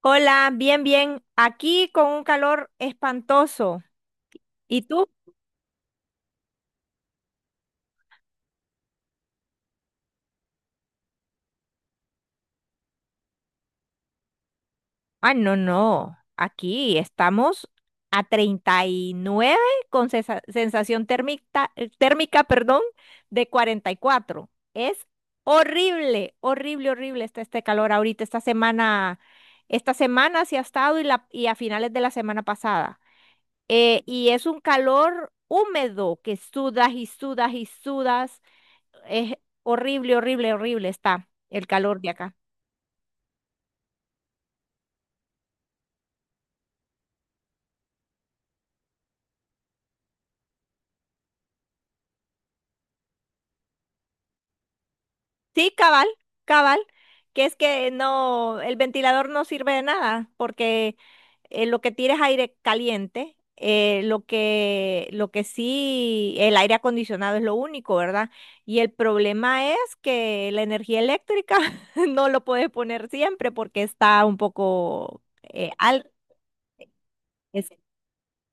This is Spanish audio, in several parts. Hola, bien, bien. Aquí con un calor espantoso. ¿Y tú? Ah, no, no. Aquí estamos a 39 con sensación térmica, térmica, perdón, de 44. Es horrible, horrible, horrible está este calor ahorita, esta semana sí ha estado y a finales de la semana pasada. Y es un calor húmedo que sudas y sudas y sudas. Es horrible, horrible, horrible está el calor de acá. Sí, cabal, cabal, que es que no, el ventilador no sirve de nada, porque lo que tira es aire caliente, lo que sí, el aire acondicionado es lo único, ¿verdad? Y el problema es que la energía eléctrica no lo puedes poner siempre porque está un poco alto.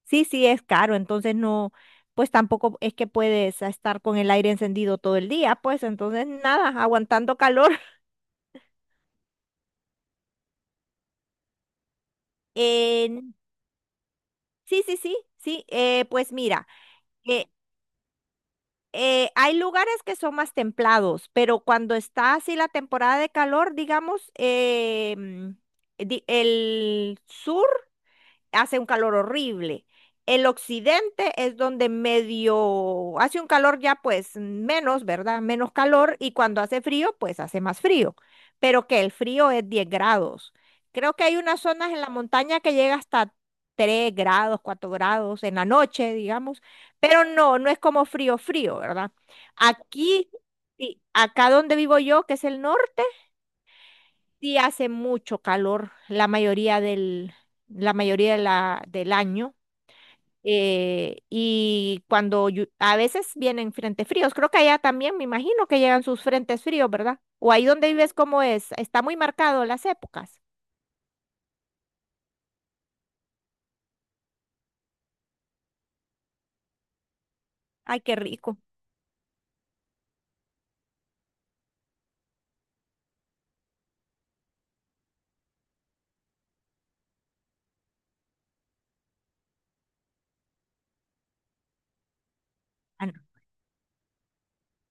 Sí, sí, es caro, entonces no, pues tampoco es que puedes estar con el aire encendido todo el día, pues entonces nada, aguantando calor. Eh, sí, sí, sí, sí, pues mira, eh, hay lugares que son más templados, pero cuando está así la temporada de calor, digamos, el sur hace un calor horrible. El occidente es donde medio hace un calor ya pues menos, ¿verdad? Menos calor y cuando hace frío pues hace más frío, pero que el frío es 10 grados. Creo que hay unas zonas en la montaña que llega hasta 3 grados, 4 grados en la noche, digamos, pero no, no es como frío, frío, ¿verdad? Aquí, sí, acá donde vivo yo, que es el norte, sí hace mucho calor la mayoría de del año y cuando a veces vienen frentes fríos, creo que allá también me imagino que llegan sus frentes fríos, ¿verdad? O ahí donde vives, ¿cómo es? Está muy marcado las épocas. Ay, qué rico.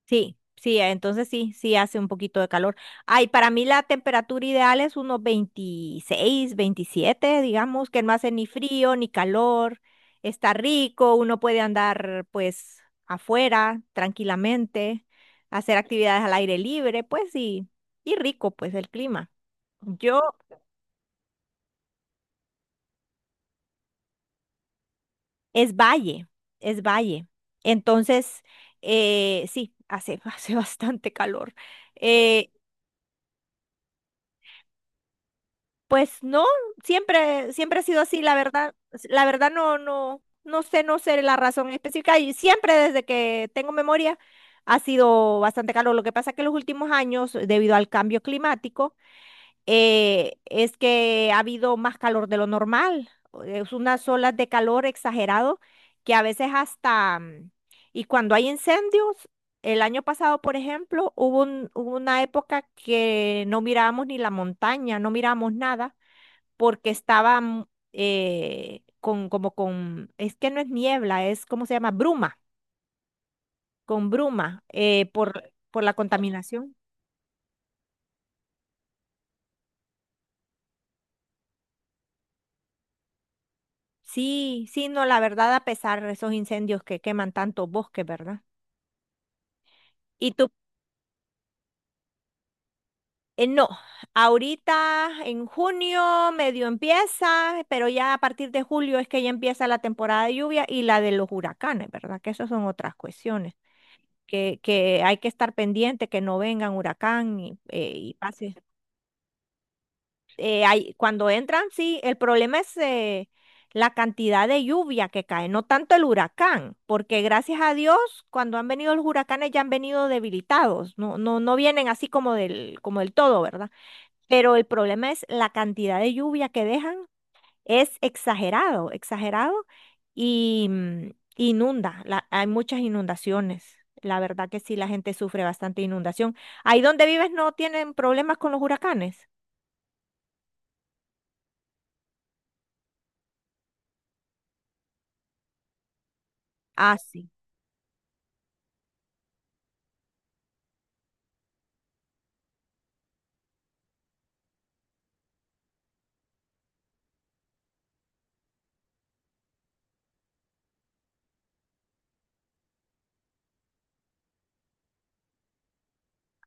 Sí, sí, entonces sí, sí hace un poquito de calor. Ay, para mí la temperatura ideal es unos 26, 27, digamos, que no hace ni frío ni calor, está rico, uno puede andar pues afuera tranquilamente, hacer actividades al aire libre, pues sí, y rico pues el clima. Yo es valle, es valle. Entonces, sí, hace, hace bastante calor. Eh, Pues no, siempre, siempre ha sido así, la verdad no, no, no sé, no sé la razón específica y siempre desde que tengo memoria ha sido bastante calor. Lo que pasa es que en los últimos años, debido al cambio climático, es que ha habido más calor de lo normal. Es unas olas de calor exagerado que a veces hasta, y cuando hay incendios, el año pasado, por ejemplo, hubo una época que no mirábamos ni la montaña, no mirábamos nada porque estaba como con, es que no es niebla, es, ¿cómo se llama? Bruma, con bruma, por la contaminación. Sí, sí, no, la verdad, a pesar de esos incendios que queman tantos bosques, ¿verdad? Y tú, no, ahorita en junio medio empieza, pero ya a partir de julio es que ya empieza la temporada de lluvia y la de los huracanes, ¿verdad? Que esas son otras cuestiones, que hay que estar pendiente, que no vengan huracán y pase. Cuando entran, sí, el problema es la cantidad de lluvia que cae, no tanto el huracán, porque gracias a Dios, cuando han venido los huracanes ya han venido debilitados, no, no, no vienen así como del todo, ¿verdad? Pero el problema es la cantidad de lluvia que dejan, es exagerado, exagerado, y mm, inunda, hay muchas inundaciones. La verdad que sí, la gente sufre bastante inundación. Ahí donde vives no tienen problemas con los huracanes. Ah, sí.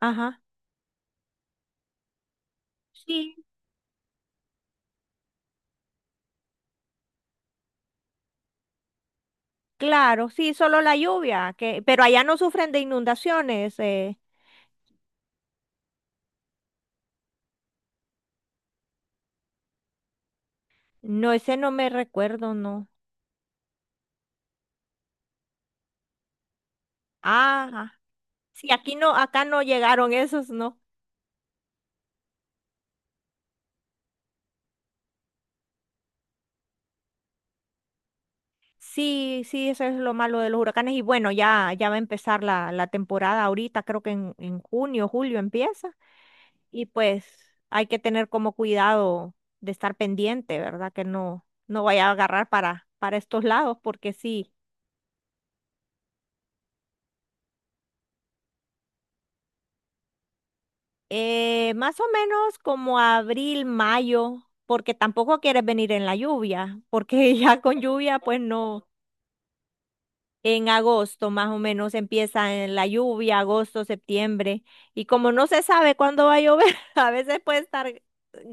Ajá. Sí, claro, sí, solo la lluvia, que, pero allá no sufren de inundaciones, no, ese no me recuerdo, no. Ajá, sí, aquí no, acá no llegaron esos, no. Sí, sí, eso es lo malo de los huracanes y bueno, ya, ya va a empezar la, la temporada ahorita, creo que en junio, julio empieza y pues hay que tener como cuidado de estar pendiente, ¿verdad? Que no, no vaya a agarrar para estos lados porque sí. Más o menos como abril, mayo, porque tampoco quieres venir en la lluvia, porque ya con lluvia, pues no. En agosto más o menos empieza en la lluvia, agosto, septiembre. Y como no se sabe cuándo va a llover, a veces puede estar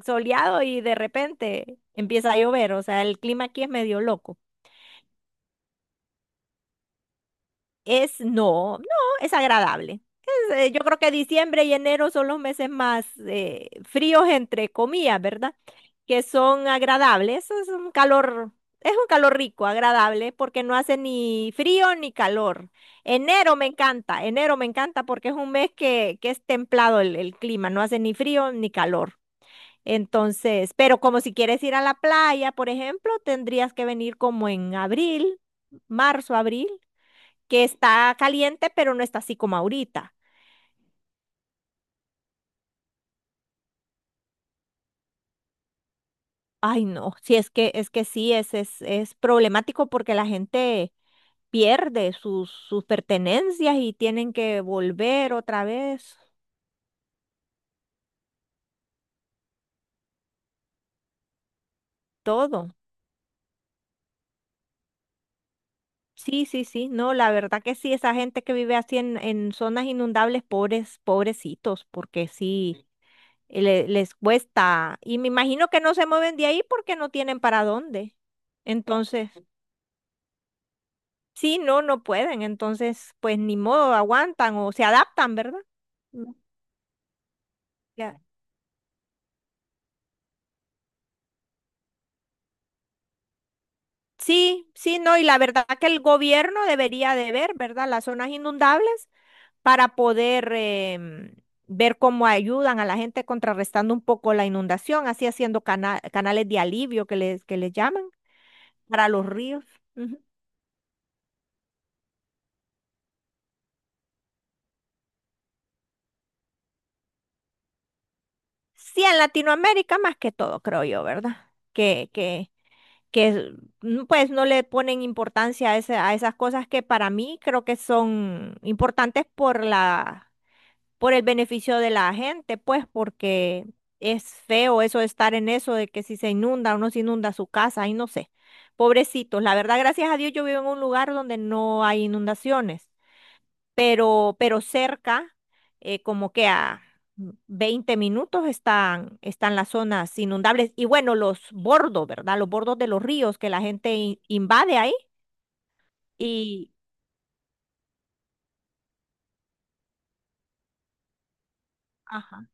soleado y de repente empieza a llover. O sea, el clima aquí es medio loco. Es, no, no, es agradable. Es, yo creo que diciembre y enero son los meses más fríos, entre comillas, ¿verdad? Que son agradables. Es un calor rico, agradable, porque no hace ni frío ni calor. Enero me encanta porque es un mes que es templado el clima, no hace ni frío ni calor. Entonces, pero como si quieres ir a la playa, por ejemplo, tendrías que venir como en abril, marzo, abril que está caliente, pero no está así como ahorita. Ay, no, sí, es que sí, es problemático porque la gente pierde sus, sus pertenencias y tienen que volver otra vez, todo. Sí, sí, sí, no, la verdad que sí, esa gente que vive así en zonas inundables, pobres, pobrecitos, porque sí, les cuesta. Y me imagino que no se mueven de ahí porque no tienen para dónde. Entonces... Sí, no, no pueden. Entonces, pues ni modo, aguantan o se adaptan, ¿verdad? No, ya. Sí, sí, no. Y la verdad que el gobierno debería de ver, ¿verdad? Las zonas inundables para poder ver cómo ayudan a la gente contrarrestando un poco la inundación, así haciendo canales de alivio que les llaman para los ríos. Ujú. Sí, en Latinoamérica más que todo, creo yo, ¿verdad? Que es- pues no le ponen importancia a, a esas cosas que para mí creo que son importantes por la, por el beneficio de la gente, pues porque es feo eso de estar en eso de que si se inunda o no se inunda su casa, y no sé. Pobrecitos, la verdad, gracias a Dios yo vivo en un lugar donde no hay inundaciones pero cerca, como que a 20 minutos están, están las zonas inundables y bueno, los bordos, ¿verdad? Los bordos de los ríos que la gente invade ahí y, ajá.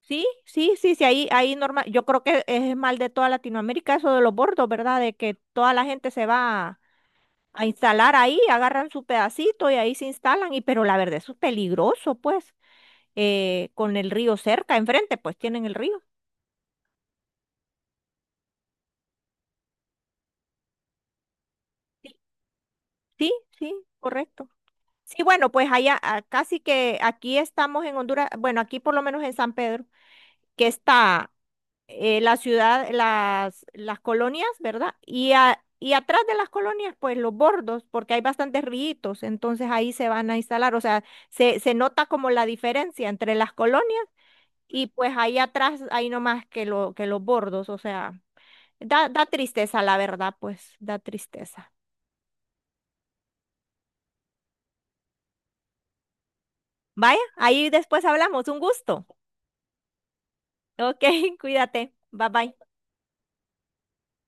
Sí, sí, sí, sí, ahí, ahí normal, yo creo que es mal de toda Latinoamérica eso de los bordos, ¿verdad? De que toda la gente se va a instalar ahí, agarran su pedacito y ahí se instalan, y pero la verdad eso es peligroso, pues, con el río cerca, enfrente, pues tienen el río. Sí, sí, correcto. Sí, bueno, pues allá casi que aquí estamos en Honduras, bueno, aquí por lo menos en San Pedro, que está la ciudad, las colonias, ¿verdad? Y, y atrás de las colonias, pues los bordos, porque hay bastantes ríos, entonces ahí se van a instalar, o sea, se nota como la diferencia entre las colonias y pues ahí atrás hay no más que, lo, que los bordos, o sea, da, da tristeza, la verdad, pues da tristeza. Vaya, ahí después hablamos, un gusto. Ok, cuídate, bye bye.